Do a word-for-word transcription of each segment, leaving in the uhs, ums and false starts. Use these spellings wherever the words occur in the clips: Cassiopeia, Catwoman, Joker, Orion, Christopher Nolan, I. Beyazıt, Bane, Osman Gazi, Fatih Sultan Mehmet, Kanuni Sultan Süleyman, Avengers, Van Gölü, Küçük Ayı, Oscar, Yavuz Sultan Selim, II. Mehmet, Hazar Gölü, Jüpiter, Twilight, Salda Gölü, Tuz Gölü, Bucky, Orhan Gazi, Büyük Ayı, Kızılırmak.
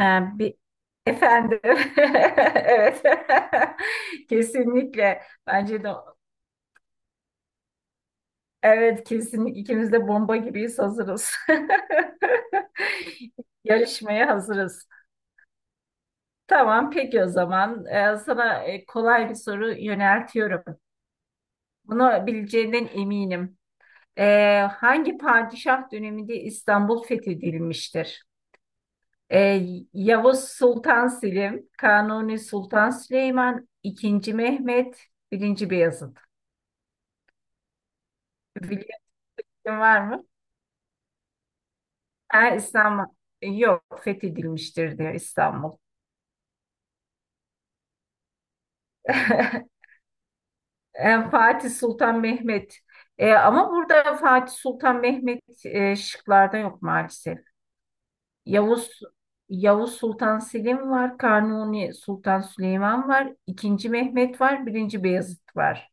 Ee, bir efendim. Evet. Kesinlikle. Bence de evet, kesinlikle ikimiz de bomba gibiyiz, hazırız. Yarışmaya hazırız. Tamam peki o zaman. Ee, sana e, kolay bir soru yöneltiyorum. Bunu bileceğinden eminim. Ee, hangi padişah döneminde İstanbul fethedilmiştir? E, Yavuz Sultan Selim, Kanuni Sultan Süleyman, ikinci. Mehmet, birinci Beyazıt. Biliyorsun, var mı? Ha, İstanbul. Yok, fethedilmiştir diyor İstanbul. E, Fatih Sultan Mehmet. E, ama burada Fatih Sultan Mehmet e, şıklarda yok maalesef. Yavuz Yavuz Sultan Selim var, Kanuni Sultan Süleyman var, ikinci. Mehmet var, birinci Beyazıt var.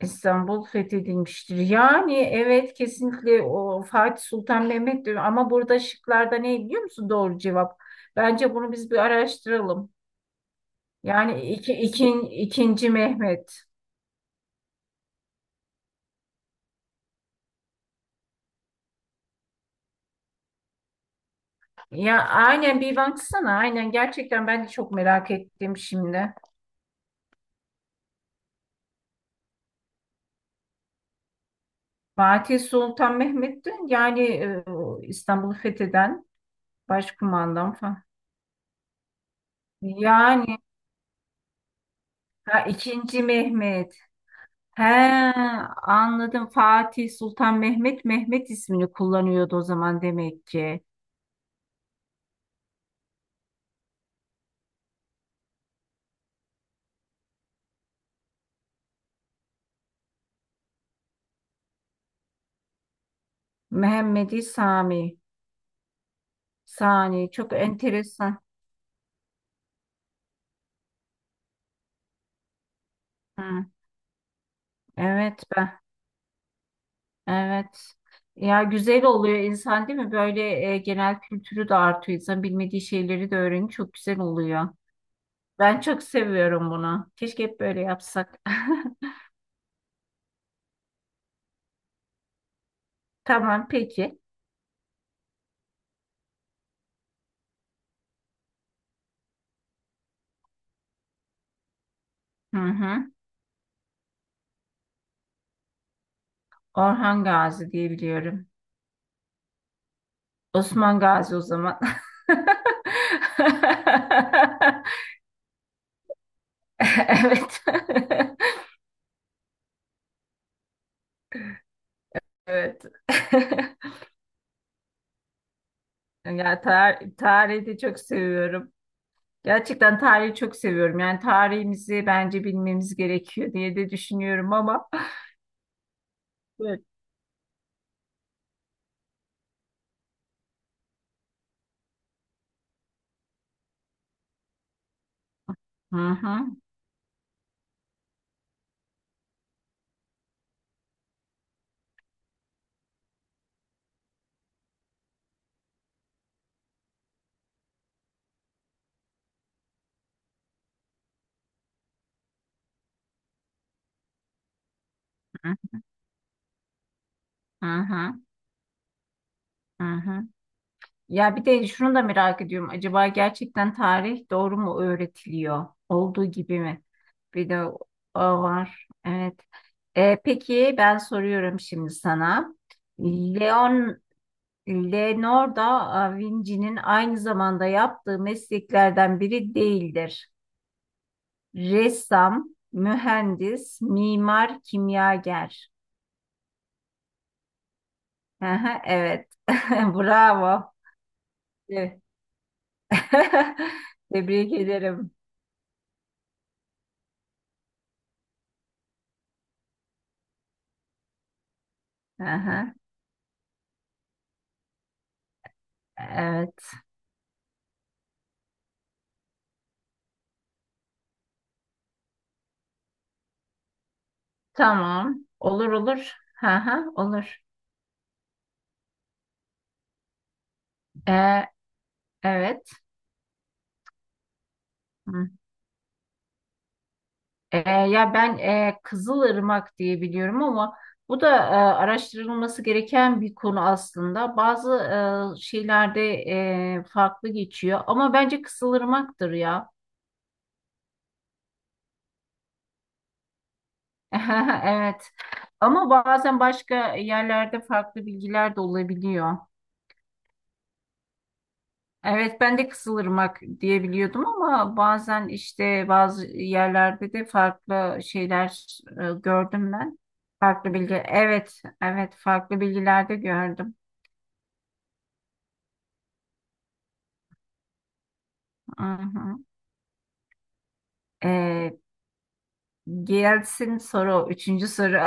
İstanbul fethedilmiştir. Yani evet, kesinlikle o Fatih Sultan Mehmet diyor ama burada şıklarda ne biliyor musun doğru cevap? Bence bunu biz bir araştıralım. Yani iki, ikin, ikinci Mehmet. Ya aynen bir baksana, aynen gerçekten ben de çok merak ettim şimdi. Fatih Sultan Mehmet'ti yani e, İstanbul'u fetheden başkumandan falan. Yani ha, ikinci Mehmet. He, anladım. Fatih Sultan Mehmet Mehmet ismini kullanıyordu o zaman demek ki. Mehmedi Sami. Sani, çok enteresan. Hı, evet ben. Evet. Ya güzel oluyor insan, değil mi? Böyle e, genel kültürü de artıyor. İnsan bilmediği şeyleri de öğreniyor. Çok güzel oluyor. Ben çok seviyorum bunu. Keşke hep böyle yapsak. Tamam peki. Hı hı. Orhan Gazi diye biliyorum. Osman Gazi o zaman. Evet. Evet. Yani tar tarihi de çok seviyorum. Gerçekten tarihi çok seviyorum. Yani tarihimizi bence bilmemiz gerekiyor diye de düşünüyorum ama. Evet. Hı hı. Hı hı. Hı hı. Ya bir de şunu da merak ediyorum. Acaba gerçekten tarih doğru mu öğretiliyor? Olduğu gibi mi? Bir de o var. Evet. E, peki ben soruyorum şimdi sana. Leon Leonardo da Vinci'nin aynı zamanda yaptığı mesleklerden biri değildir. Ressam, mühendis, mimar, kimyager. Hı hı, evet. Bravo. Evet. Tebrik ederim. Hı hı. Evet. Tamam. Olur olur. Ha olur. Ee, evet. Hı. Ee, ya ben e, Kızılırmak diye biliyorum ama bu da e, araştırılması gereken bir konu aslında. Bazı e, şeylerde e, farklı geçiyor ama bence Kızılırmak'tır ya. Evet. Ama bazen başka yerlerde farklı bilgiler de olabiliyor. Evet, ben de Kızılırmak diye biliyordum ama bazen işte bazı yerlerde de farklı şeyler e, gördüm ben. Farklı bilgi, evet evet, farklı bilgilerde gördüm. Hı hı. Ee, gelsin soru, üçüncü soru.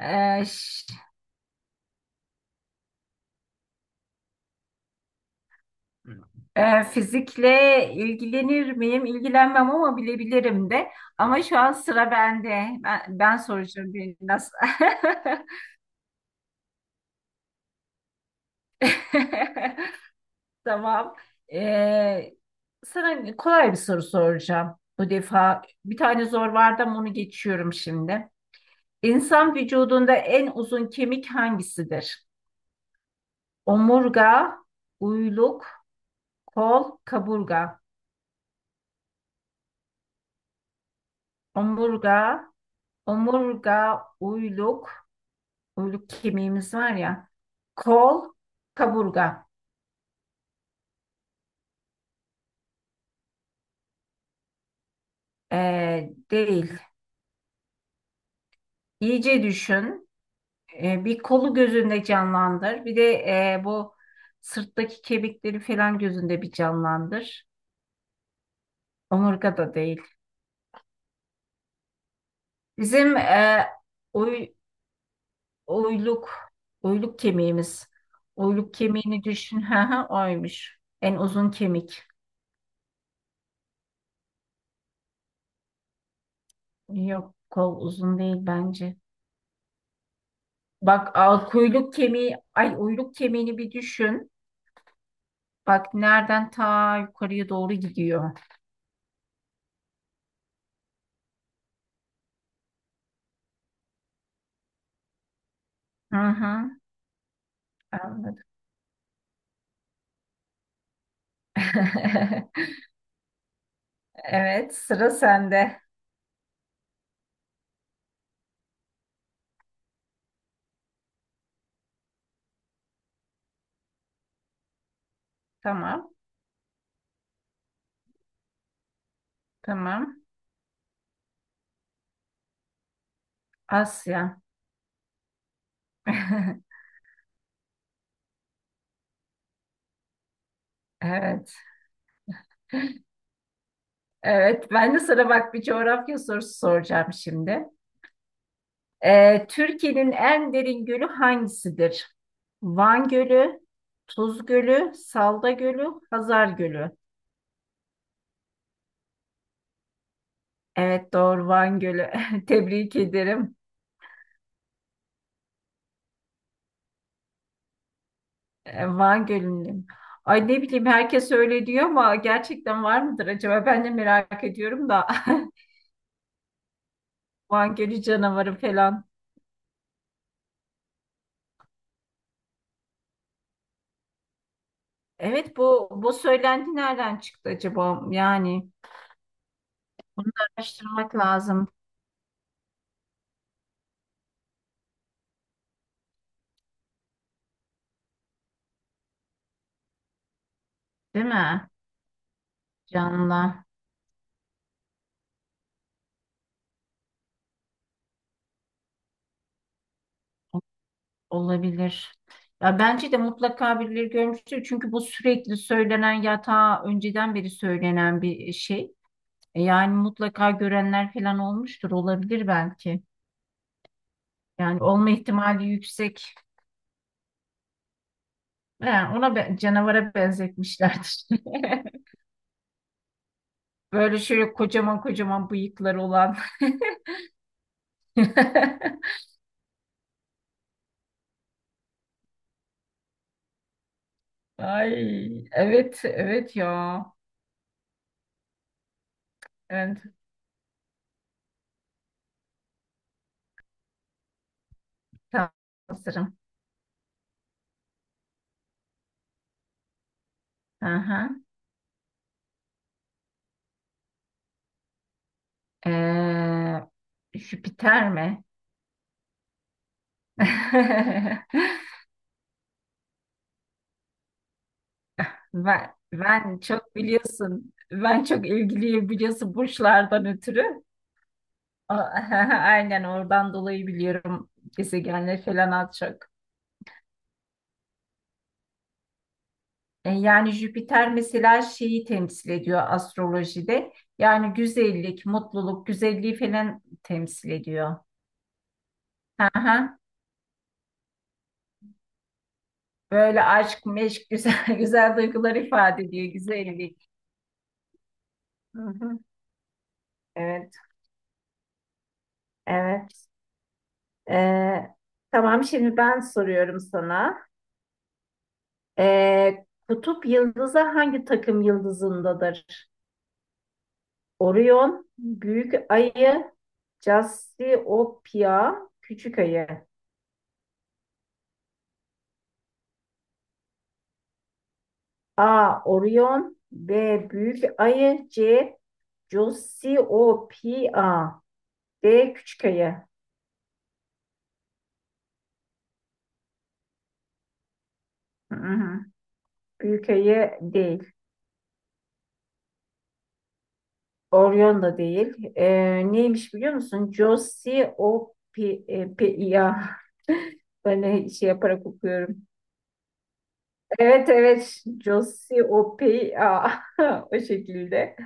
Ee, ş- e, fizikle ilgilenir miyim? İlgilenmem ama bilebilirim de. Ama şu an sıra bende. Ben, ben soracağım biraz. Tamam. Ee, sana kolay bir soru soracağım bu defa. Bir tane zor vardı ama onu geçiyorum şimdi. İnsan vücudunda en uzun kemik hangisidir? Omurga, uyluk, kol, kaburga. Omurga, omurga, uyluk, uyluk kemiğimiz var ya. Kol, kaburga. Ee, değil. İyice düşün. E, bir kolu gözünde canlandır. Bir de e, bu sırttaki kemikleri falan gözünde bir canlandır. Omurga da değil. Bizim e, uy- uyluk, uyluk kemiğimiz. Uyluk kemiğini düşün. Ha, ha oymuş. En uzun kemik. Yok, kol uzun değil bence. Bak, al, kuyruk kemiği, ay uyluk kemiğini bir düşün. Bak nereden ta yukarıya doğru gidiyor. Hı hı, anladım. Evet, sıra sende. Tamam. Tamam. Asya. Evet. Evet. Ben de sana bak bir coğrafya sorusu soracağım şimdi. Ee, Türkiye'nin en derin gölü hangisidir? Van Gölü, Tuz Gölü, Salda Gölü, Hazar Gölü. Evet doğru, Van Gölü. Tebrik ederim. Ee, Van Gölü'nün. Ay ne bileyim, herkes öyle diyor ama gerçekten var mıdır acaba? Ben de merak ediyorum da. Van Gölü canavarı falan. Evet, bu bu söylenti nereden çıktı acaba? Yani bunu da araştırmak lazım, değil mi? Canlı olabilir. Ya bence de mutlaka birileri görmüştür. Çünkü bu sürekli söylenen, yatağa önceden beri söylenen bir şey. E yani mutlaka görenler falan olmuştur. Olabilir belki. Yani olma ihtimali yüksek. Yani ona be- canavara benzetmişlerdir. Böyle şöyle kocaman kocaman bıyıkları olan. Ay evet evet ya. Evet tam sanırım. Hı hı. Ee, Jüpiter mi? Ben, ben çok biliyorsun. Ben çok ilgiliyim biliyorsun, burçlardan ötürü. A- Aynen oradan dolayı biliyorum gezegenleri falan az çok. E, yani Jüpiter mesela şeyi temsil ediyor astrolojide. Yani güzellik, mutluluk, güzelliği falan temsil ediyor. Hı hı. Böyle aşk, meşk, güzel, güzel duygular ifade ediyor. Güzellik. Hı hı. Evet, evet. Ee, tamam, şimdi ben soruyorum sana. Ee, kutup yıldızı hangi takım yıldızındadır? Orion, Büyük Ayı, Cassiopeia, Küçük Ayı. A. Orion, B. Büyük Ayı, C. Cassiopeia, D. Küçük Ayı. Hı hı. Büyük Ayı değil. Orion da değil. Ee, neymiş biliyor musun? Josiopea. Ben de şey yaparak okuyorum. Evet evet. Josiopea. O şekilde.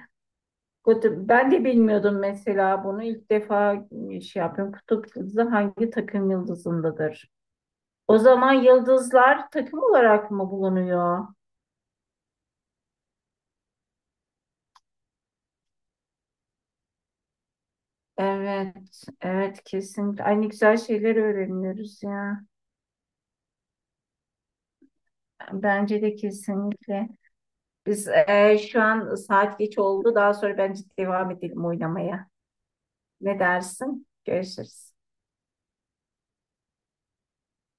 Kutup. Ben de bilmiyordum mesela bunu. İlk defa şey yapıyorum. Kutup yıldızı hangi takım yıldızındadır? O zaman yıldızlar takım olarak mı bulunuyor? Evet, evet kesinlikle. Aynı güzel şeyler öğreniyoruz ya. Bence de kesinlikle. Biz e, şu an saat geç oldu. Daha sonra bence devam edelim oynamaya. Ne dersin? Görüşürüz.